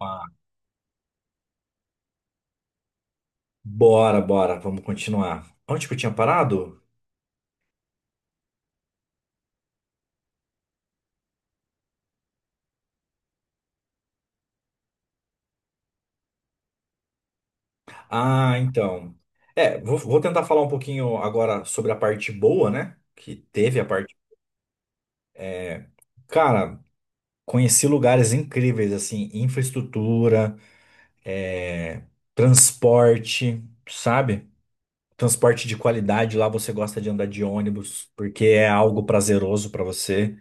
Ah, bora, bora, vamos continuar. Onde que eu tinha parado? Ah, então. Vou tentar falar um pouquinho agora sobre a parte boa, né? Que teve a parte. Cara, conheci lugares incríveis, assim, infraestrutura, é, transporte, sabe? Transporte de qualidade, lá você gosta de andar de ônibus, porque é algo prazeroso pra você.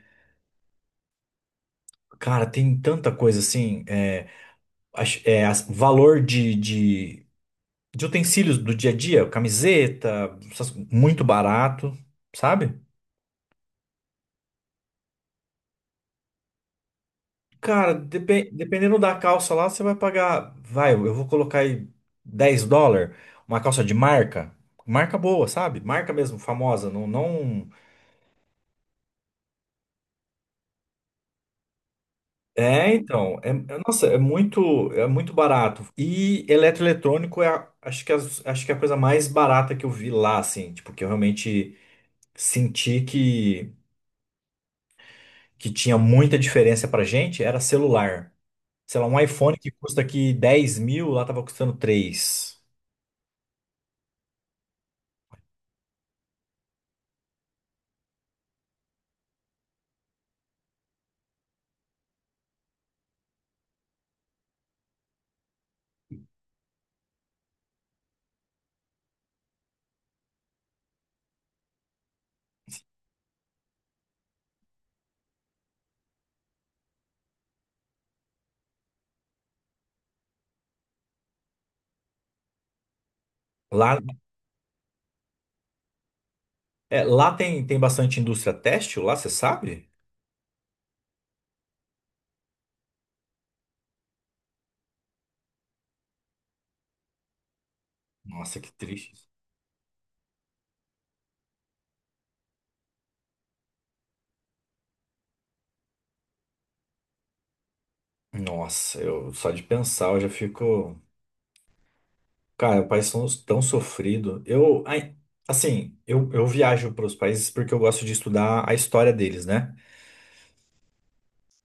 Cara, tem tanta coisa assim, valor de utensílios do dia a dia, camiseta, muito barato, sabe? Cara, dependendo da calça lá, você vai pagar, vai, eu vou colocar aí 10 dólares, uma calça de marca, marca boa, sabe? Marca mesmo, famosa, não, não... Nossa, é muito barato. E eletroeletrônico acho que é a coisa mais barata que eu vi lá, assim, tipo, que eu realmente senti que tinha muita diferença pra gente, era celular. Sei lá, um iPhone que custa aqui 10.000, lá tava custando três. Lá, lá tem, tem bastante indústria têxtil, lá você sabe? Nossa, que triste. Nossa, eu só de pensar eu já fico. Cara, o país tão, tão sofrido. Eu, ai, assim, eu viajo para os países porque eu gosto de estudar a história deles, né?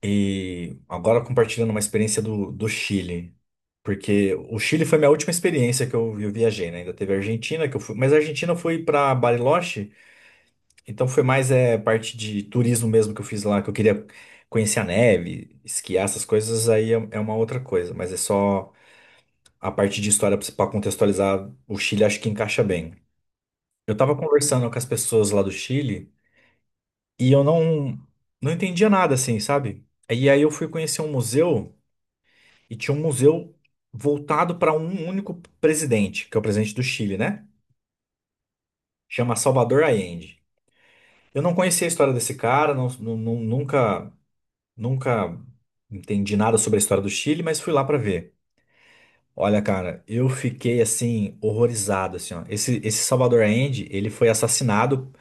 E agora compartilhando uma experiência do Chile. Porque o Chile foi minha última experiência que eu viajei, né? Ainda teve a Argentina, que eu fui. Mas a Argentina eu fui para Bariloche. Então foi mais parte de turismo mesmo que eu fiz lá, que eu queria conhecer a neve, esquiar essas coisas, aí é uma outra coisa, mas é só a parte de história para contextualizar o Chile, acho que encaixa bem. Eu tava conversando com as pessoas lá do Chile e eu não não entendia nada assim, sabe? E aí eu fui conhecer um museu e tinha um museu voltado para um único presidente, que é o presidente do Chile, né? Chama Salvador Allende. Eu não conhecia a história desse cara, nunca entendi nada sobre a história do Chile, mas fui lá pra ver. Olha, cara, eu fiquei assim horrorizado assim, ó. Esse Salvador Allende, ele foi assassinado,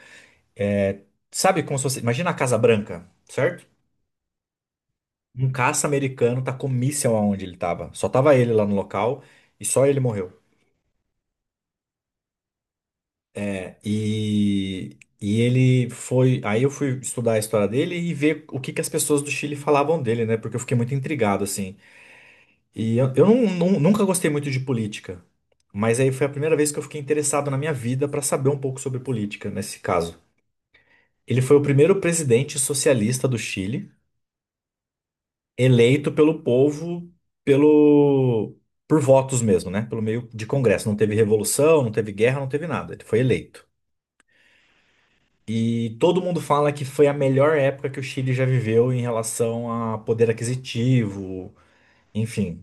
sabe como se fosse, imagina a Casa Branca, certo? Um caça americano tacou míssil aonde ele tava. Só tava ele lá no local e só ele morreu. E ele foi. Aí eu fui estudar a história dele e ver o que que as pessoas do Chile falavam dele, né? Porque eu fiquei muito intrigado, assim. E eu não- nu- nunca gostei muito de política, mas aí foi a primeira vez que eu fiquei interessado na minha vida para saber um pouco sobre política, nesse caso. Ele foi o primeiro presidente socialista do Chile, eleito pelo povo, pelo por votos mesmo, né? Pelo meio de congresso. Não teve revolução, não teve guerra, não teve nada. Ele foi eleito. E todo mundo fala que foi a melhor época que o Chile já viveu em relação a poder aquisitivo, enfim.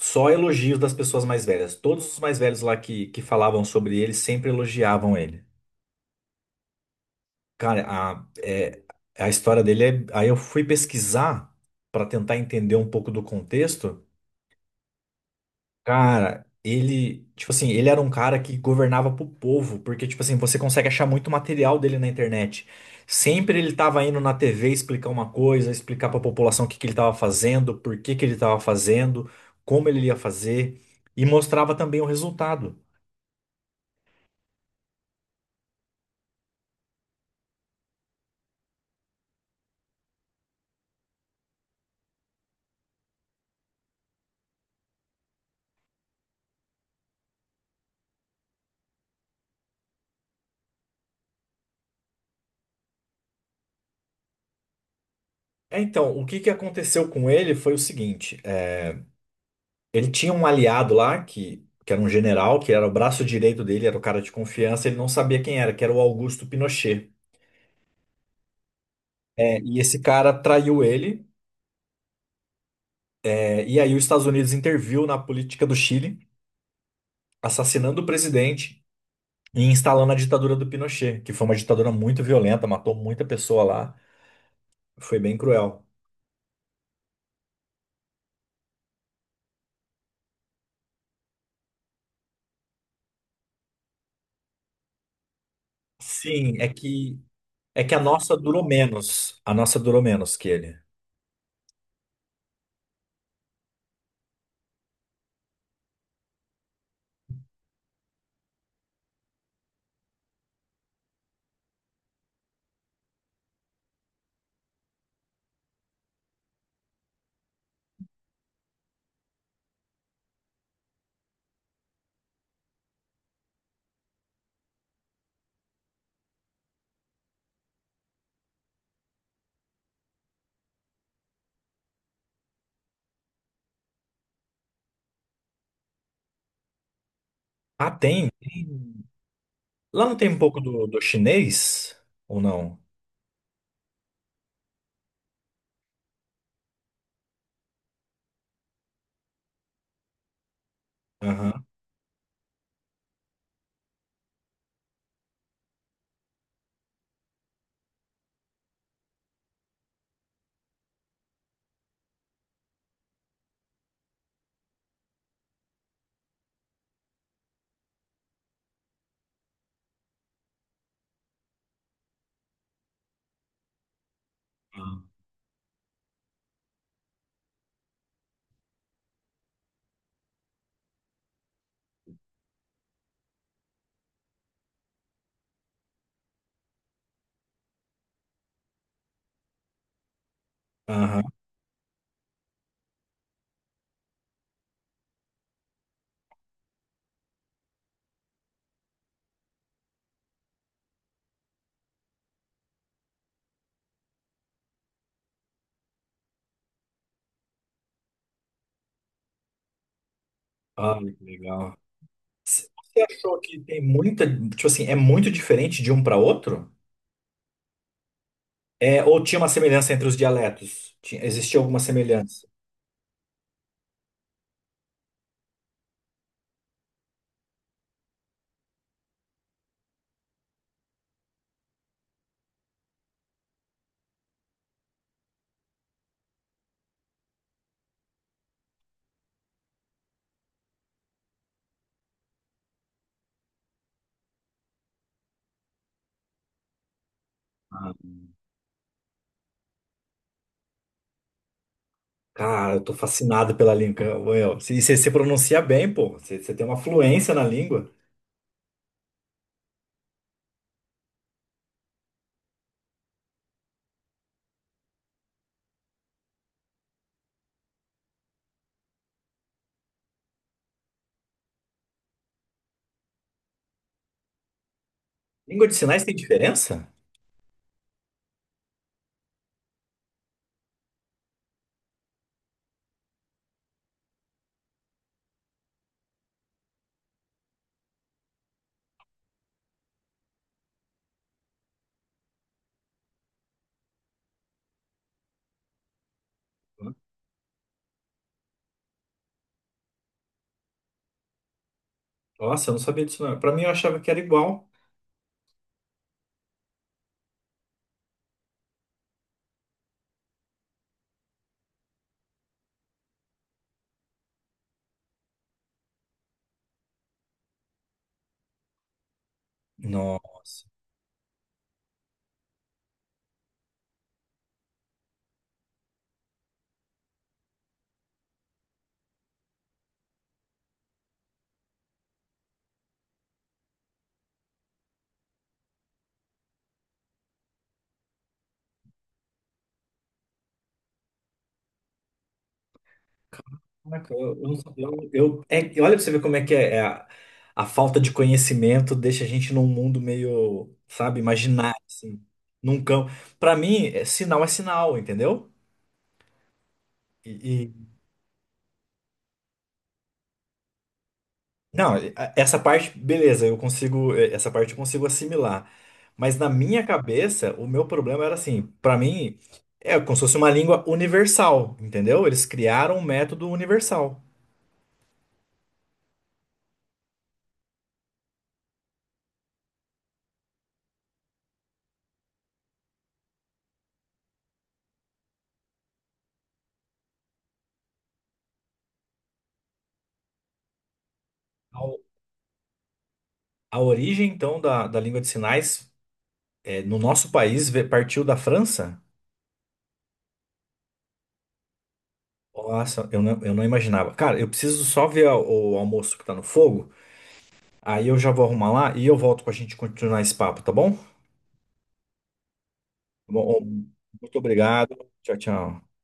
Só elogios das pessoas mais velhas. Todos os mais velhos lá que falavam sobre ele sempre elogiavam ele. Cara, a história dele é. Aí eu fui pesquisar pra tentar entender um pouco do contexto. Cara, ele. Tipo assim, ele era um cara que governava pro povo, porque, tipo assim, você consegue achar muito material dele na internet. Sempre ele tava indo na TV explicar uma coisa, explicar pra população o que que ele tava fazendo, por que que ele tava fazendo, como ele ia fazer, e mostrava também o resultado. É, então, o que que aconteceu com ele foi o seguinte: ele tinha um aliado lá, que era um general, que era o braço direito dele, era o cara de confiança, ele não sabia quem era, que era o Augusto Pinochet. É, e esse cara traiu ele, e aí os Estados Unidos interviu na política do Chile, assassinando o presidente e instalando a ditadura do Pinochet, que foi uma ditadura muito violenta, matou muita pessoa lá, foi bem cruel. Sim, é que a nossa durou menos, a nossa durou menos que ele. Ah, tem? Tem. Lá não tem um pouco do chinês? Ou não? Aham, aham. Ah, que legal. Você achou que tem muita. Tipo assim, é muito diferente de um para outro? É, ou tinha uma semelhança entre os dialetos? Existia alguma semelhança? Ah, cara, eu tô fascinado pela língua. Well, você se pronuncia bem, pô. Você tem uma fluência na língua. Língua de sinais tem diferença? Nossa, eu não sabia disso não. Pra mim eu achava que era igual. Nossa. Caraca, eu não sabia. Olha pra você ver como é que é, a falta de conhecimento deixa a gente num mundo meio, sabe, imaginário, assim, num campo. Pra mim, sinal é sinal, entendeu? E, e- não, e- a- essa parte, beleza, eu consigo, essa parte eu consigo assimilar. Mas na minha cabeça, o meu problema era assim, pra mim, é como se fosse uma língua universal, entendeu? Eles criaram um método universal. A, o- a origem, então, da língua de sinais. É, no nosso país, partiu da França? Nossa, eu não imaginava. Cara, eu preciso só ver o almoço que tá no fogo. Aí eu já vou arrumar lá e eu volto pra gente continuar esse papo, tá bom? Tá Bom, muito obrigado. Tchau, tchau.